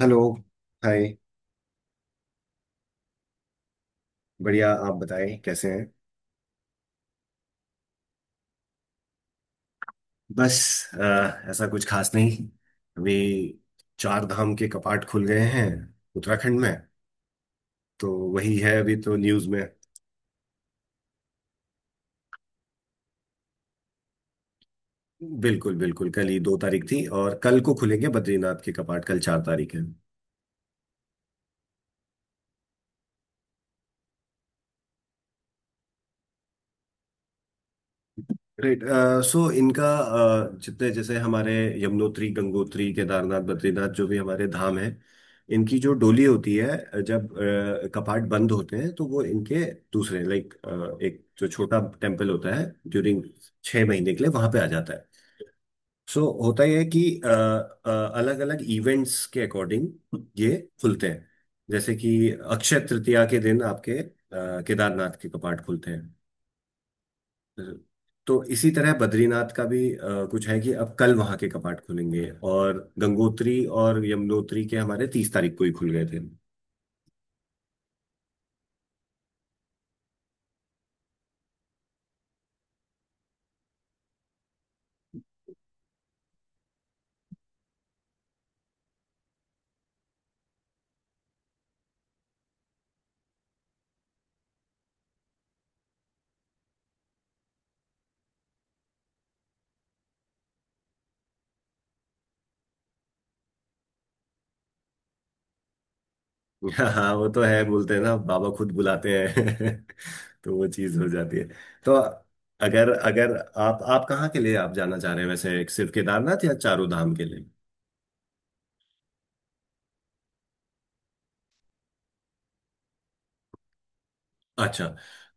Hello, hi. बढ़िया, आप बताएं कैसे हैं। बस, ऐसा कुछ खास नहीं। अभी चार धाम के कपाट खुल गए हैं उत्तराखंड में। तो वही है अभी तो न्यूज़ में। बिल्कुल बिल्कुल, कल ही 2 तारीख थी और कल को खुलेंगे बद्रीनाथ के कपाट, कल 4 तारीख है। राइट। सो इनका जितने, जैसे हमारे यमुनोत्री, गंगोत्री, केदारनाथ, बद्रीनाथ, जो भी हमारे धाम हैं, इनकी जो डोली होती है, जब कपाट बंद होते हैं तो वो इनके दूसरे लाइक एक जो छोटा टेम्पल होता है, ड्यूरिंग 6 महीने के लिए वहां पे आ जाता है। सो होता यह है कि अलग अलग इवेंट्स के अकॉर्डिंग ये खुलते हैं। जैसे कि अक्षय तृतीया के दिन आपके केदारनाथ के कपाट खुलते हैं। हम्म। तो इसी तरह बद्रीनाथ का भी कुछ है कि अब कल वहां के कपाट खुलेंगे, और गंगोत्री और यमुनोत्री के हमारे 30 तारीख को ही खुल गए थे। हाँ वो तो है, बोलते हैं ना, बाबा खुद बुलाते हैं तो वो चीज हो जाती है। तो अगर अगर आप कहाँ के लिए आप जाना चाह रहे हैं वैसे, सिर्फ केदारनाथ या चारों धाम के लिए? अच्छा।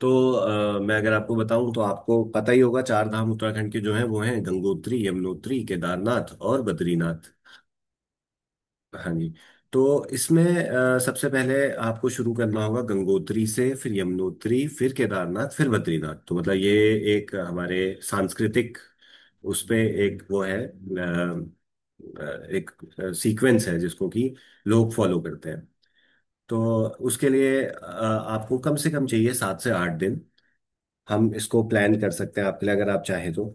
तो मैं अगर आपको बताऊं तो आपको पता ही होगा, चार धाम उत्तराखंड के जो हैं वो हैं गंगोत्री, यमुनोत्री, केदारनाथ और बद्रीनाथ। हाँ जी। तो इसमें सबसे पहले आपको शुरू करना होगा गंगोत्री से, फिर यमुनोत्री, फिर केदारनाथ, फिर बद्रीनाथ, तो मतलब ये एक हमारे सांस्कृतिक, उस पे एक वो है एक सीक्वेंस है जिसको कि लोग फॉलो करते हैं। तो उसके लिए आपको कम से कम चाहिए 7 से 8 दिन। हम इसको प्लान कर सकते हैं आपके लिए, अगर आप चाहें तो।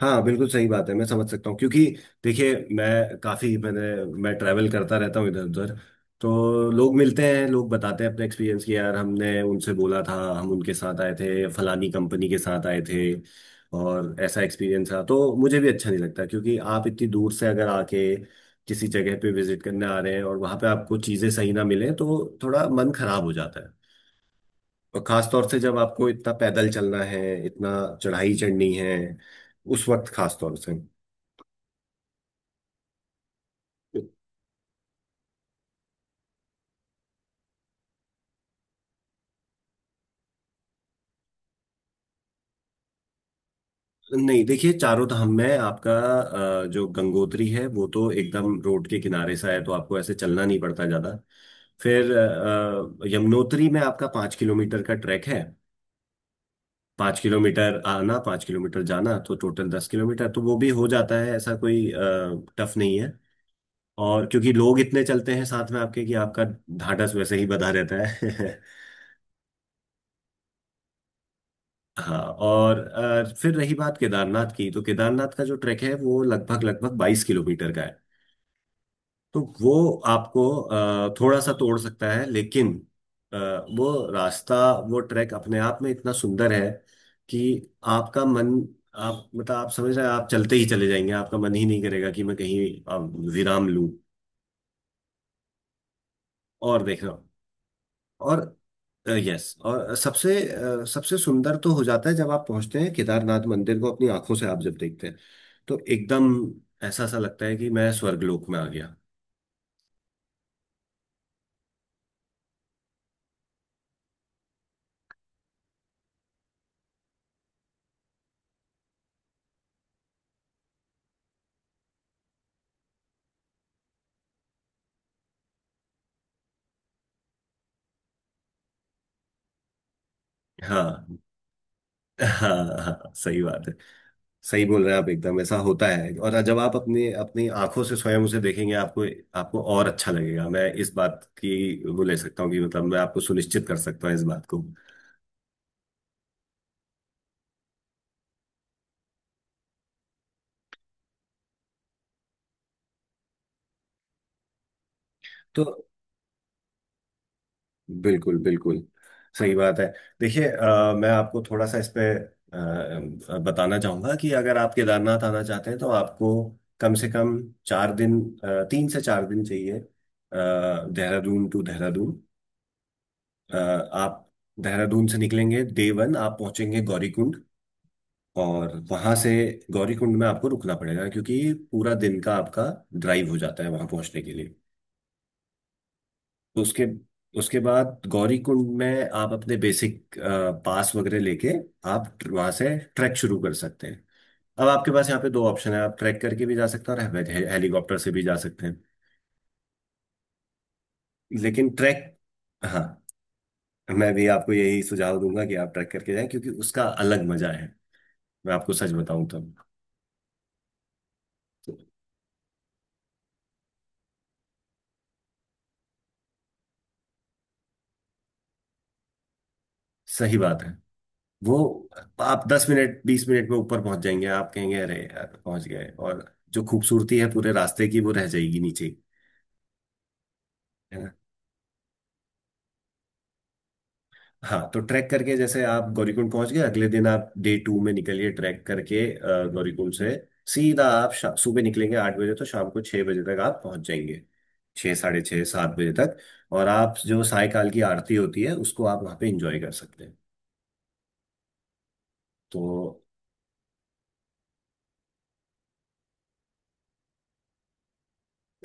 हाँ बिल्कुल सही बात है, मैं समझ सकता हूँ, क्योंकि देखिए मैं काफ़ी मैंने मैं ट्रैवल करता रहता हूँ इधर उधर। तो लोग मिलते हैं, लोग बताते हैं अपने एक्सपीरियंस कि यार हमने उनसे बोला था, हम उनके साथ आए थे, फलानी कंपनी के साथ आए थे और ऐसा एक्सपीरियंस था। तो मुझे भी अच्छा नहीं लगता, क्योंकि आप इतनी दूर से अगर आके किसी जगह पे विजिट करने आ रहे हैं और वहाँ पे आपको चीज़ें सही ना मिले तो थोड़ा मन खराब हो जाता है। और खास तौर से जब आपको इतना पैदल चलना है, इतना चढ़ाई चढ़नी है, उस वक्त खास तौर से। नहीं देखिए, चारों धाम में आपका जो गंगोत्री है वो तो एकदम रोड के किनारे सा है, तो आपको ऐसे चलना नहीं पड़ता ज्यादा। फिर यमुनोत्री में आपका 5 किलोमीटर का ट्रैक है। 5 किलोमीटर आना, 5 किलोमीटर जाना, तो टोटल 10 किलोमीटर, तो वो भी हो जाता है, ऐसा कोई टफ नहीं है। और क्योंकि लोग इतने चलते हैं साथ में आपके कि आपका ढाढ़स वैसे ही बंधा रहता है हाँ, और फिर रही बात केदारनाथ की, तो केदारनाथ का जो ट्रैक है वो लगभग लगभग 22 किलोमीटर का है। तो वो आपको थोड़ा सा तोड़ सकता है, लेकिन अ, वो रास्ता, वो ट्रैक अपने आप में इतना सुंदर है कि आपका मन, आप मतलब आप समझ रहे हैं, आप चलते ही चले जाएंगे, आपका मन ही नहीं करेगा कि मैं कहीं विराम लूं और देखना। और यस, और सबसे सबसे सुंदर तो हो जाता है जब आप पहुंचते हैं केदारनाथ मंदिर को, अपनी आंखों से आप जब देखते हैं, तो एकदम ऐसा सा लगता है कि मैं स्वर्गलोक में आ गया। हाँ हाँ हाँ। सही बात है, सही बोल रहे हैं आप, एकदम ऐसा होता है, और जब आप अपने, अपनी आंखों से स्वयं उसे देखेंगे आपको, आपको और अच्छा लगेगा। मैं इस बात की वो ले सकता हूँ कि, मतलब, मैं आपको सुनिश्चित कर सकता हूँ इस बात को। तो बिल्कुल बिल्कुल सही बात है। देखिए मैं आपको थोड़ा सा इस पे बताना चाहूंगा कि अगर आप केदारनाथ आना चाहते हैं तो आपको कम से कम 4 दिन, 3 से 4 दिन चाहिए, देहरादून टू देहरादून। आप देहरादून से निकलेंगे, Day 1 आप पहुंचेंगे गौरीकुंड और वहां से, गौरीकुंड में आपको रुकना पड़ेगा, क्योंकि पूरा दिन का आपका ड्राइव हो जाता है वहां पहुंचने के लिए। तो उसके उसके बाद गौरी कुंड में आप अपने बेसिक पास वगैरह लेके, आप वहां से ट्रैक शुरू कर सकते हैं। अब आपके पास यहाँ पे दो ऑप्शन है, आप ट्रैक करके भी जा सकते हैं और हेलीकॉप्टर से भी जा सकते हैं, लेकिन ट्रैक। हाँ, मैं भी आपको यही सुझाव दूंगा कि आप ट्रैक करके जाएं, क्योंकि उसका अलग मजा है, मैं आपको सच बताऊं तब। तो सही बात है। वो आप 10 मिनट 20 मिनट में ऊपर पहुंच जाएंगे, आप कहेंगे अरे यार पहुंच गए, और जो खूबसूरती है पूरे रास्ते की वो रह जाएगी नीचे। हाँ, तो ट्रैक करके जैसे आप गौरीकुंड पहुंच गए, अगले दिन आप Day 2 में निकलिए ट्रैक करके गौरीकुंड से सीधा, आप सुबह निकलेंगे 8 बजे, तो शाम को 6 बजे तक आप पहुंच जाएंगे, 6, साढ़े 6, 7 बजे तक। और आप जो सायकाल की आरती होती है उसको आप वहाँ पे एंजॉय कर सकते हैं। तो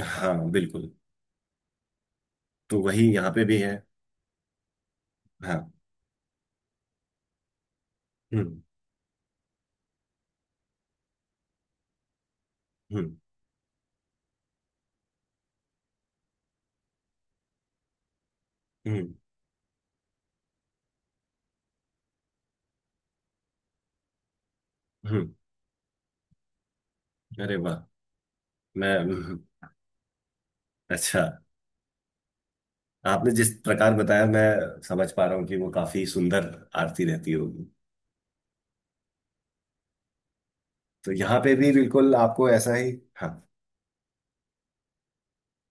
हाँ बिल्कुल। तो वही यहाँ पे भी है। हाँ। हम्म, हम्म, हम्म, हम्म। अरे वाह। मैं, हम्म। अच्छा। आपने जिस प्रकार बताया, मैं समझ पा रहा हूँ कि वो काफी सुंदर आरती रहती होगी। तो यहाँ पे भी बिल्कुल आपको ऐसा ही। हाँ।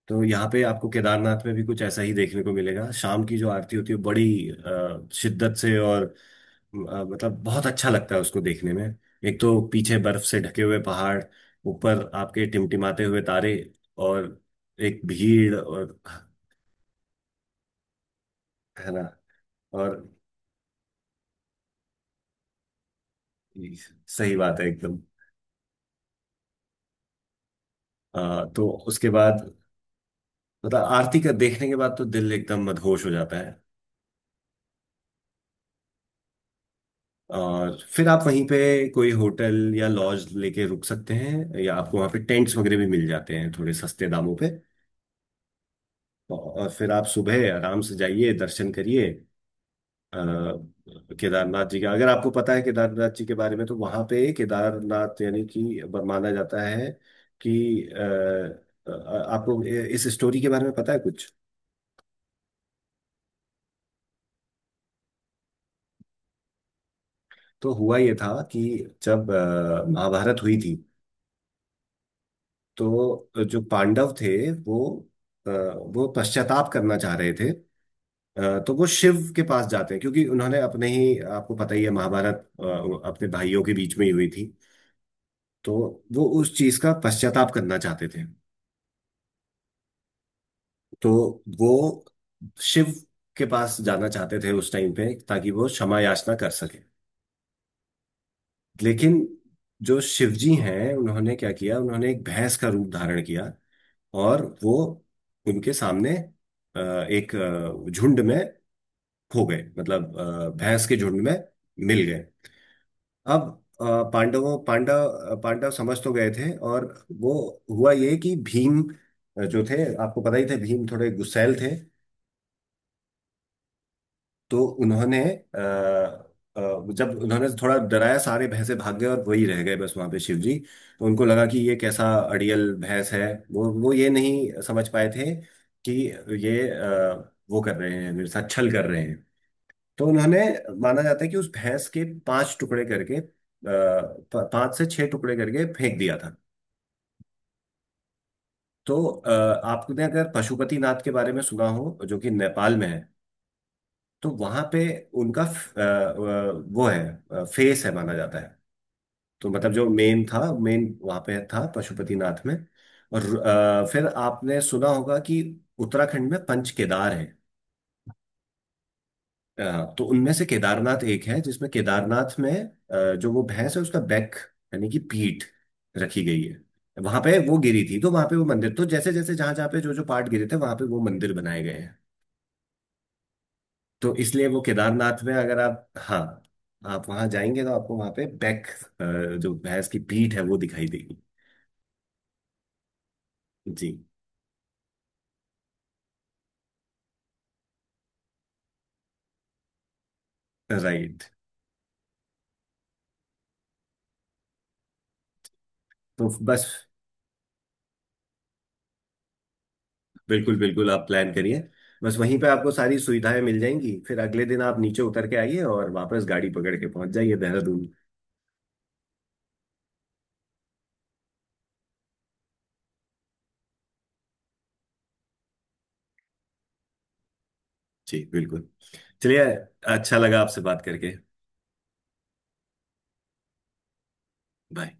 तो यहाँ पे आपको केदारनाथ में भी कुछ ऐसा ही देखने को मिलेगा, शाम की जो आरती होती है बड़ी शिद्दत से, और मतलब बहुत अच्छा लगता है उसको देखने में। एक तो पीछे बर्फ से ढके हुए पहाड़, ऊपर आपके टिमटिमाते हुए तारे, और एक भीड़, और है ना? और सही बात है एकदम। तो उसके बाद, मतलब आरती का देखने के बाद तो दिल एकदम मदहोश हो जाता है। और फिर आप वहीं पे कोई होटल या लॉज लेके रुक सकते हैं, या आपको वहाँ पे टेंट्स वगैरह भी मिल जाते हैं थोड़े सस्ते दामों पे। और फिर आप सुबह आराम से जाइए, दर्शन करिए। अ, केदारनाथ जी का, अगर आपको पता है केदारनाथ जी के बारे में, तो वहाँ पे केदारनाथ, यानी कि माना जाता है कि अ, अ, आपको इस स्टोरी के बारे में पता है कुछ? तो हुआ ये था कि जब महाभारत हुई थी, तो जो पांडव थे वो, वो पश्चाताप करना चाह रहे थे। तो वो शिव के पास जाते हैं, क्योंकि उन्होंने अपने ही, आपको पता ही है, महाभारत अ, अपने भाइयों के बीच में ही हुई थी। तो वो उस चीज का पश्चाताप करना चाहते थे। तो वो शिव के पास जाना चाहते थे उस टाइम पे, ताकि वो क्षमा याचना कर सके। लेकिन जो शिवजी हैं, उन्होंने क्या किया, उन्होंने एक भैंस का रूप धारण किया और वो उनके सामने अ, एक झुंड में खो गए, मतलब भैंस के झुंड में मिल गए। अब अ, पांडव समझ तो गए थे, और वो, हुआ ये कि भीम जो थे, आपको पता ही थे भीम थोड़े गुस्सैल थे, तो उन्होंने अ, जब उन्होंने थोड़ा डराया, सारे भैंसे भाग गए और वही रह गए बस वहां पे शिव जी। तो उनको लगा कि ये कैसा अड़ियल भैंस है। वो ये नहीं समझ पाए थे कि ये वो कर रहे हैं मेरे साथ, छल कर रहे हैं। तो उन्होंने, माना जाता है कि उस भैंस के पांच टुकड़े करके, पांच से छह टुकड़े करके फेंक दिया था। तो आपने अगर पशुपति नाथ के बारे में सुना हो, जो कि नेपाल में है, तो वहां पे उनका वो है, फेस है माना जाता है। तो मतलब जो मेन था, मेन वहां पे था पशुपतिनाथ में। और फिर आपने सुना होगा कि उत्तराखंड में पंच केदार है। तो उनमें से केदारनाथ एक है, जिसमें केदारनाथ में जो वो भैंस है, उसका बैक, यानी कि पीठ रखी गई है। वहां पे वो गिरी थी, तो वहां पे वो मंदिर, तो जैसे जैसे जहां जहां पे जो जो पार्ट गिरे थे वहां पे वो मंदिर बनाए गए हैं। तो इसलिए वो, केदारनाथ में अगर आप, हाँ, आप वहां जाएंगे तो आपको वहां पे बैक, जो भैंस की पीठ है वो दिखाई देगी। जी। राइट। तो बस, बिल्कुल बिल्कुल, आप प्लान करिए। बस वहीं पे आपको सारी सुविधाएं मिल जाएंगी, फिर अगले दिन आप नीचे उतर के आइए और वापस गाड़ी पकड़ के पहुंच जाइए देहरादून। जी बिल्कुल। चलिए। अच्छा लगा आपसे बात करके। बाय।